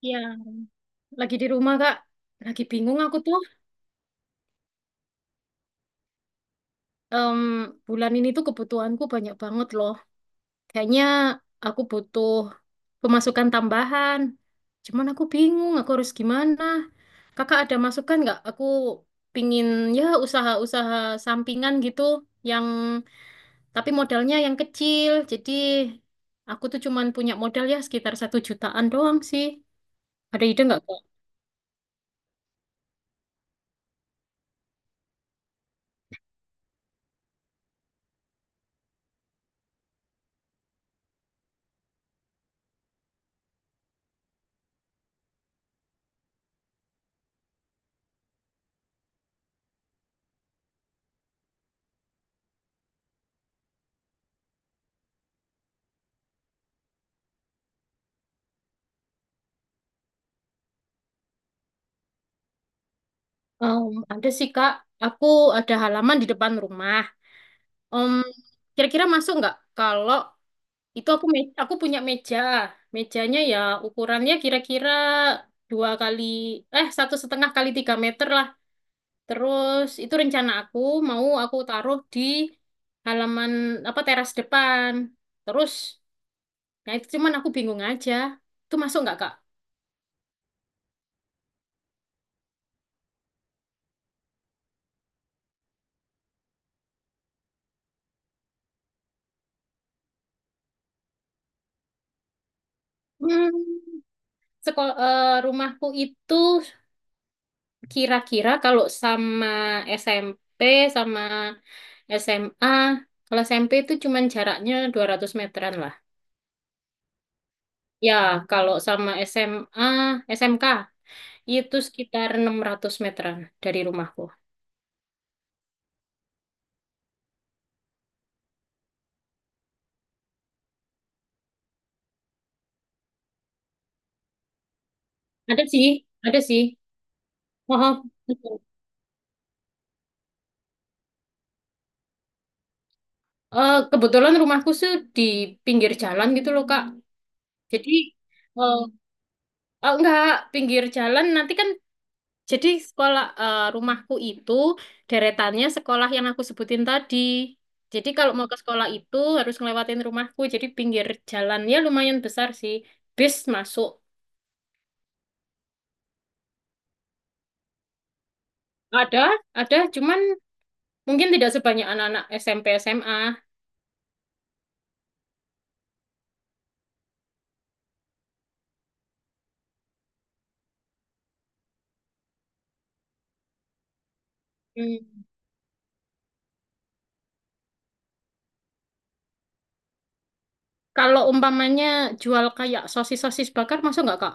Iya, lagi di rumah Kak. Lagi bingung aku tuh. Em, bulan ini tuh kebutuhanku banyak banget loh. Kayaknya aku butuh pemasukan tambahan. Cuman aku bingung, aku harus gimana. Kakak ada masukan nggak? Aku pingin ya usaha-usaha sampingan gitu, yang tapi modalnya yang kecil. Jadi aku tuh cuman punya modal ya sekitar 1 jutaan doang sih. Ada ide nggak Kak? Em, ada sih Kak. Aku ada halaman di depan rumah. Om, kira-kira masuk nggak kalau itu aku punya meja, mejanya ya ukurannya kira-kira dua kali eh 1,5 x 3 meter lah. Terus itu rencana aku mau aku taruh di halaman apa teras depan. Terus, nah itu cuman aku bingung aja. Itu masuk nggak Kak? Hmm, rumahku itu kira-kira kalau sama SMP sama SMA, kalau SMP itu cuman jaraknya 200 meteran lah. Ya, kalau sama SMA, SMK itu sekitar 600 meteran dari rumahku. Ada sih, ada sih. Oh, oh. Eh, kebetulan rumahku tuh di pinggir jalan gitu loh, Kak. Jadi, eh, oh, enggak, pinggir jalan nanti kan. Jadi rumahku itu deretannya sekolah yang aku sebutin tadi. Jadi kalau mau ke sekolah itu harus ngelewatin rumahku. Jadi pinggir jalannya lumayan besar sih. Bis masuk. Ada, ada, cuman mungkin tidak sebanyak anak-anak SMP SMA. Hmm. Kalau umpamanya jual kayak sosis-sosis bakar, masuk nggak Kak?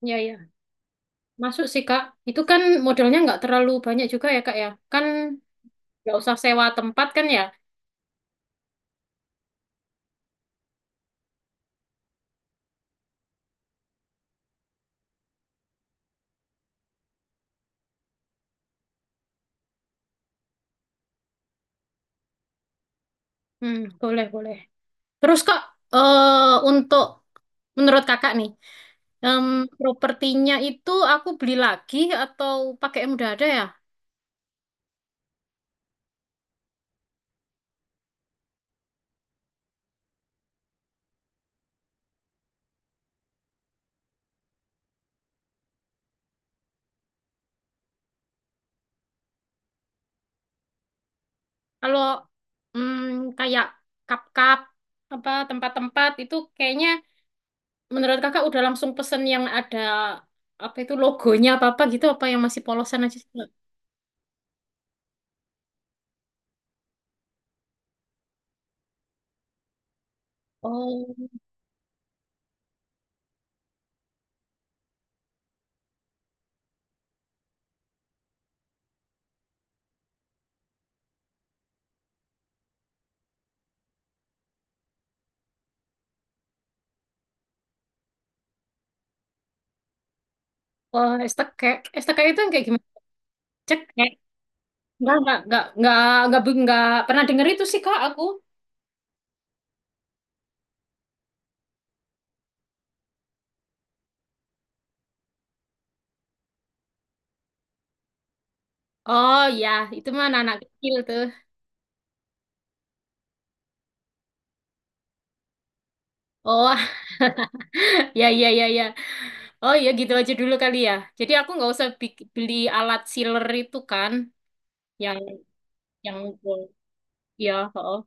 Ya, ya. Masuk sih Kak. Itu kan modalnya nggak terlalu banyak juga ya Kak ya. Kan nggak usah sewa tempat kan ya. Hmm, boleh, boleh. Terus Kak, eh untuk menurut Kakak nih, em, propertinya itu aku beli lagi atau pakai yang udah ada ya? Kalau mm, kayak cup-cup apa tempat-tempat itu kayaknya menurut Kakak udah langsung pesen yang ada apa itu logonya apa-apa gitu apa yang masih polosan aja sih, Kak? Oh, oh, STK. STK itu yang kayak gimana? Cek. Enggak, enggak, enggak, enggak, enggak, pernah denger itu sih Kak aku. Oh ya, itu mah anak kecil tuh. Oh, ya, ya, ya, ya. Oh, ya gitu aja dulu kali ya. Jadi aku nggak usah beli alat sealer itu kan, yang yang ya, oh,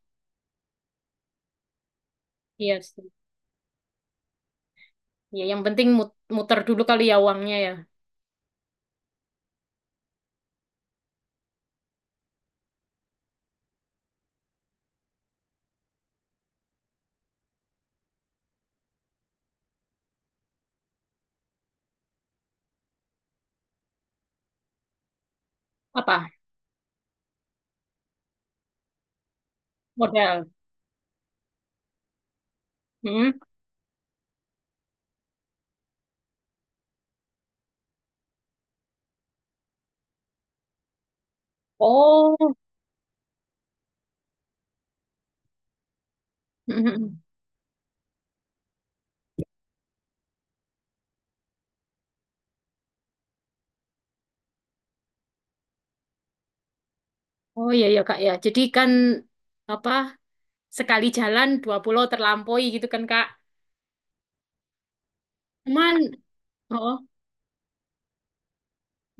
iya sih. Ya, yang penting muter dulu kali ya uangnya ya. Apa? Modal. Hmm? Oh. Oh, iya, ya, Kak, ya. Jadi kan apa? Sekali jalan dua pulau terlampaui gitu kan, Kak. Cuman, oh.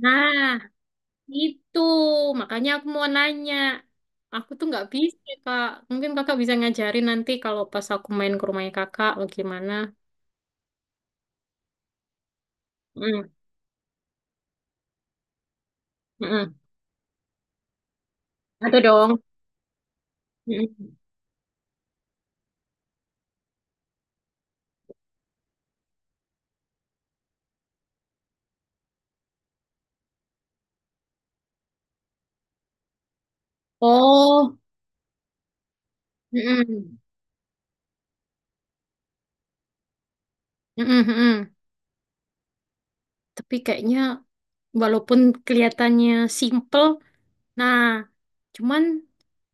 Nah, itu, makanya aku mau nanya. Aku tuh nggak bisa, Kak. Mungkin kakak bisa ngajarin nanti kalau pas aku main ke rumahnya kakak, bagaimana. Mm, mm, mm-mm. Ada dong. Mm, mm. Oh, mm, mm, mm, mm, mm, mm. Tapi kayaknya walaupun kelihatannya simple, nah, cuman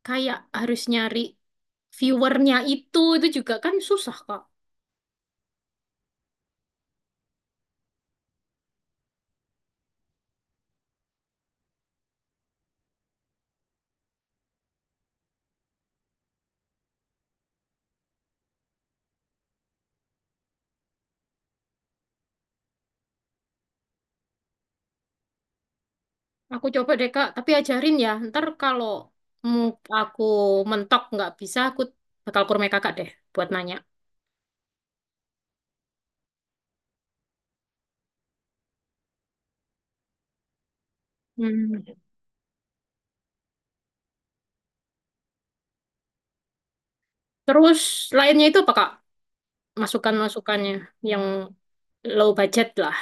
kayak harus nyari viewernya itu juga kan susah, Kak. Aku coba deh Kak, tapi ajarin ya. Ntar kalau mu- aku mentok nggak bisa, aku bakal ke rumah kakak deh buat nanya. Hmm. Terus lainnya itu apa Kak? Masukan-masukannya yang low budget lah.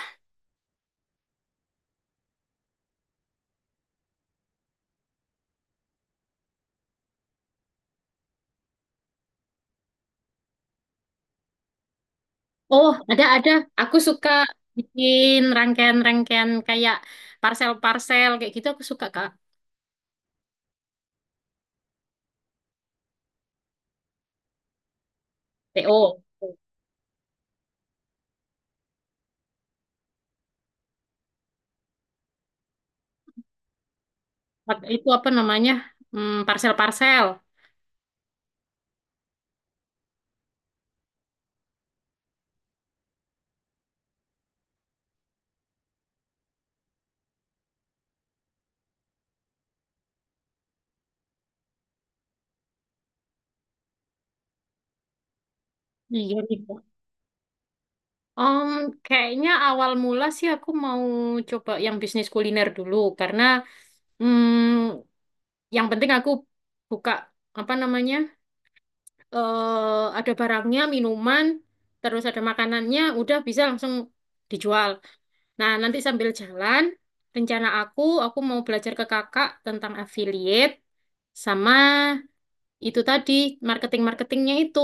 Oh, ada, ada. Aku suka bikin rangkaian-rangkaian kayak parcel-parcel kayak gitu aku suka Kak. PO. Itu apa namanya? Hmm, parcel-parcel. Iya, gitu. Om, kayaknya awal mula sih aku mau coba yang bisnis kuliner dulu karena mm, yang penting aku buka apa namanya ada barangnya, minuman, terus ada makanannya, udah bisa langsung dijual. Nah, nanti sambil jalan rencana aku mau belajar ke kakak tentang affiliate sama itu tadi marketing-marketingnya itu.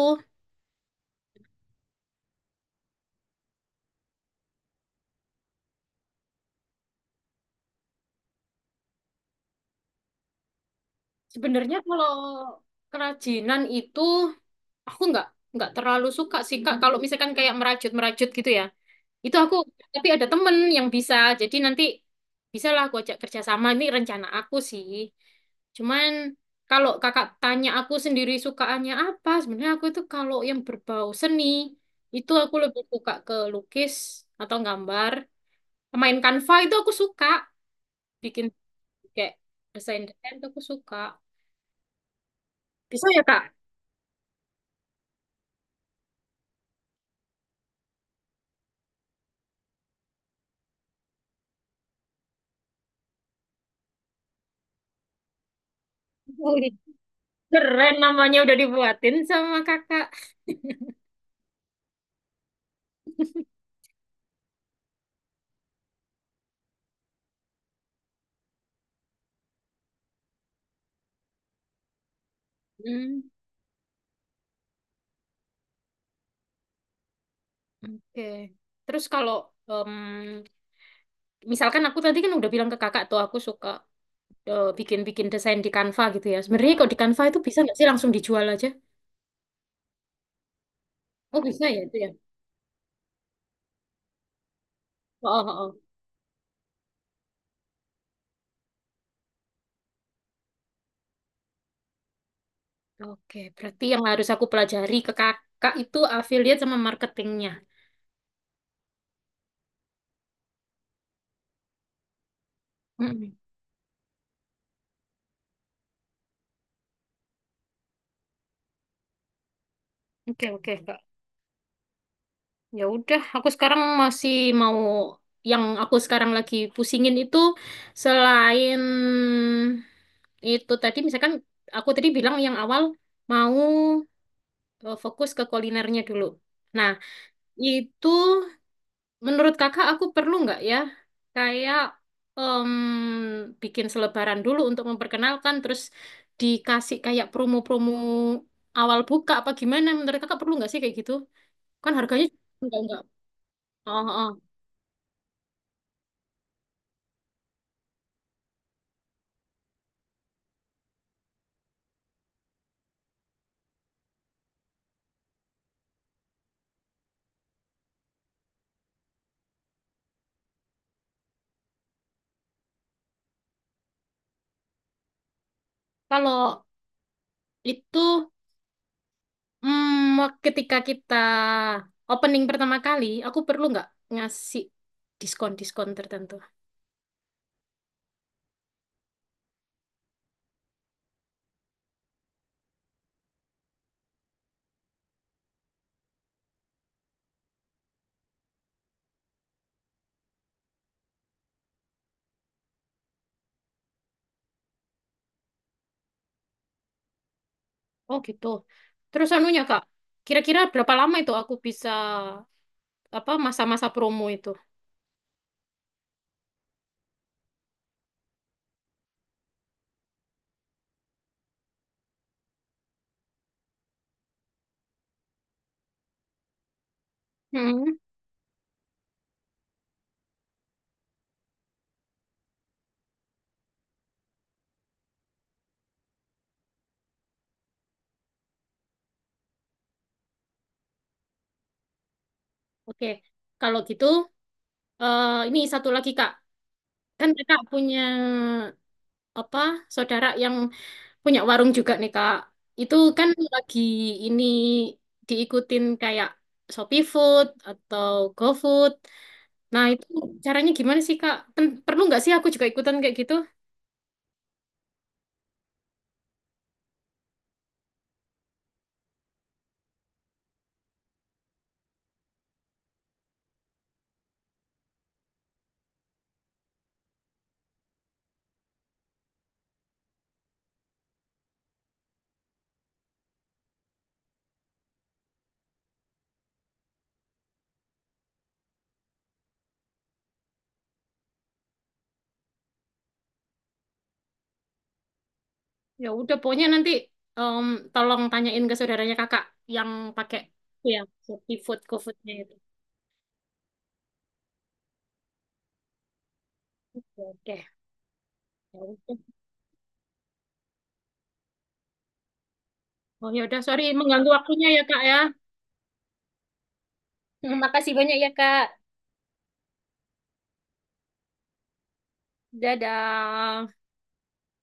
Sebenarnya kalau kerajinan itu aku nggak terlalu suka sih Kak kalau misalkan kayak merajut-merajut gitu ya itu aku, tapi ada temen yang bisa, jadi nanti bisalah aku ajak kerjasama, ini rencana aku sih. Cuman kalau kakak tanya aku sendiri sukaannya apa, sebenarnya aku itu kalau yang berbau seni itu aku lebih suka ke lukis atau gambar, main Canva itu aku suka, bikin kayak desain desain itu aku suka, bisa ya Kak. Wih, keren namanya udah dibuatin sama kakak. Hmm, oke. Terus kalau em, misalkan aku tadi kan udah bilang ke kakak tuh aku suka bikin-bikin desain di Canva gitu ya. Sebenarnya kalau di Canva itu bisa nggak sih langsung dijual aja? Oh bisa ya itu ya. Oh, oh, oh. Oke, berarti yang harus aku pelajari ke kakak itu affiliate sama marketingnya. Mm-mm. Oke, oke kak. Ya udah, aku sekarang masih mau, yang aku sekarang lagi pusingin itu selain itu tadi, misalkan aku tadi bilang yang awal mau fokus ke kulinernya dulu. Nah, itu menurut kakak aku perlu nggak ya kayak em, bikin selebaran dulu untuk memperkenalkan, terus dikasih kayak promo-promo awal buka, apa gimana menurut kakak perlu nggak sih kayak gitu? Kan harganya nggak-nggak. Oh, oh. Kalau itu ketika kita opening pertama kali, aku perlu nggak ngasih diskon-diskon tertentu? Oh gitu. Terus anunya Kak, kira-kira berapa lama itu aku bisa apa, masa-masa promo itu? Hmm. Oke, kalau gitu, ini satu lagi Kak. Kan Kakak punya apa saudara yang punya warung juga nih Kak. Itu kan lagi ini diikutin kayak Shopee Food atau GoFood. Nah, itu caranya gimana sih, Kak? Perlu nggak sih aku juga ikutan kayak gitu? Ya udah, pokoknya nanti em, tolong tanyain ke saudaranya Kakak yang pakai itu ya, seperti Food, GoFood-nya itu. Ya, oke, ya udah. Oh ya udah, sorry mengganggu waktunya ya, Kak ya. Makasih banyak ya, Kak. Dadah.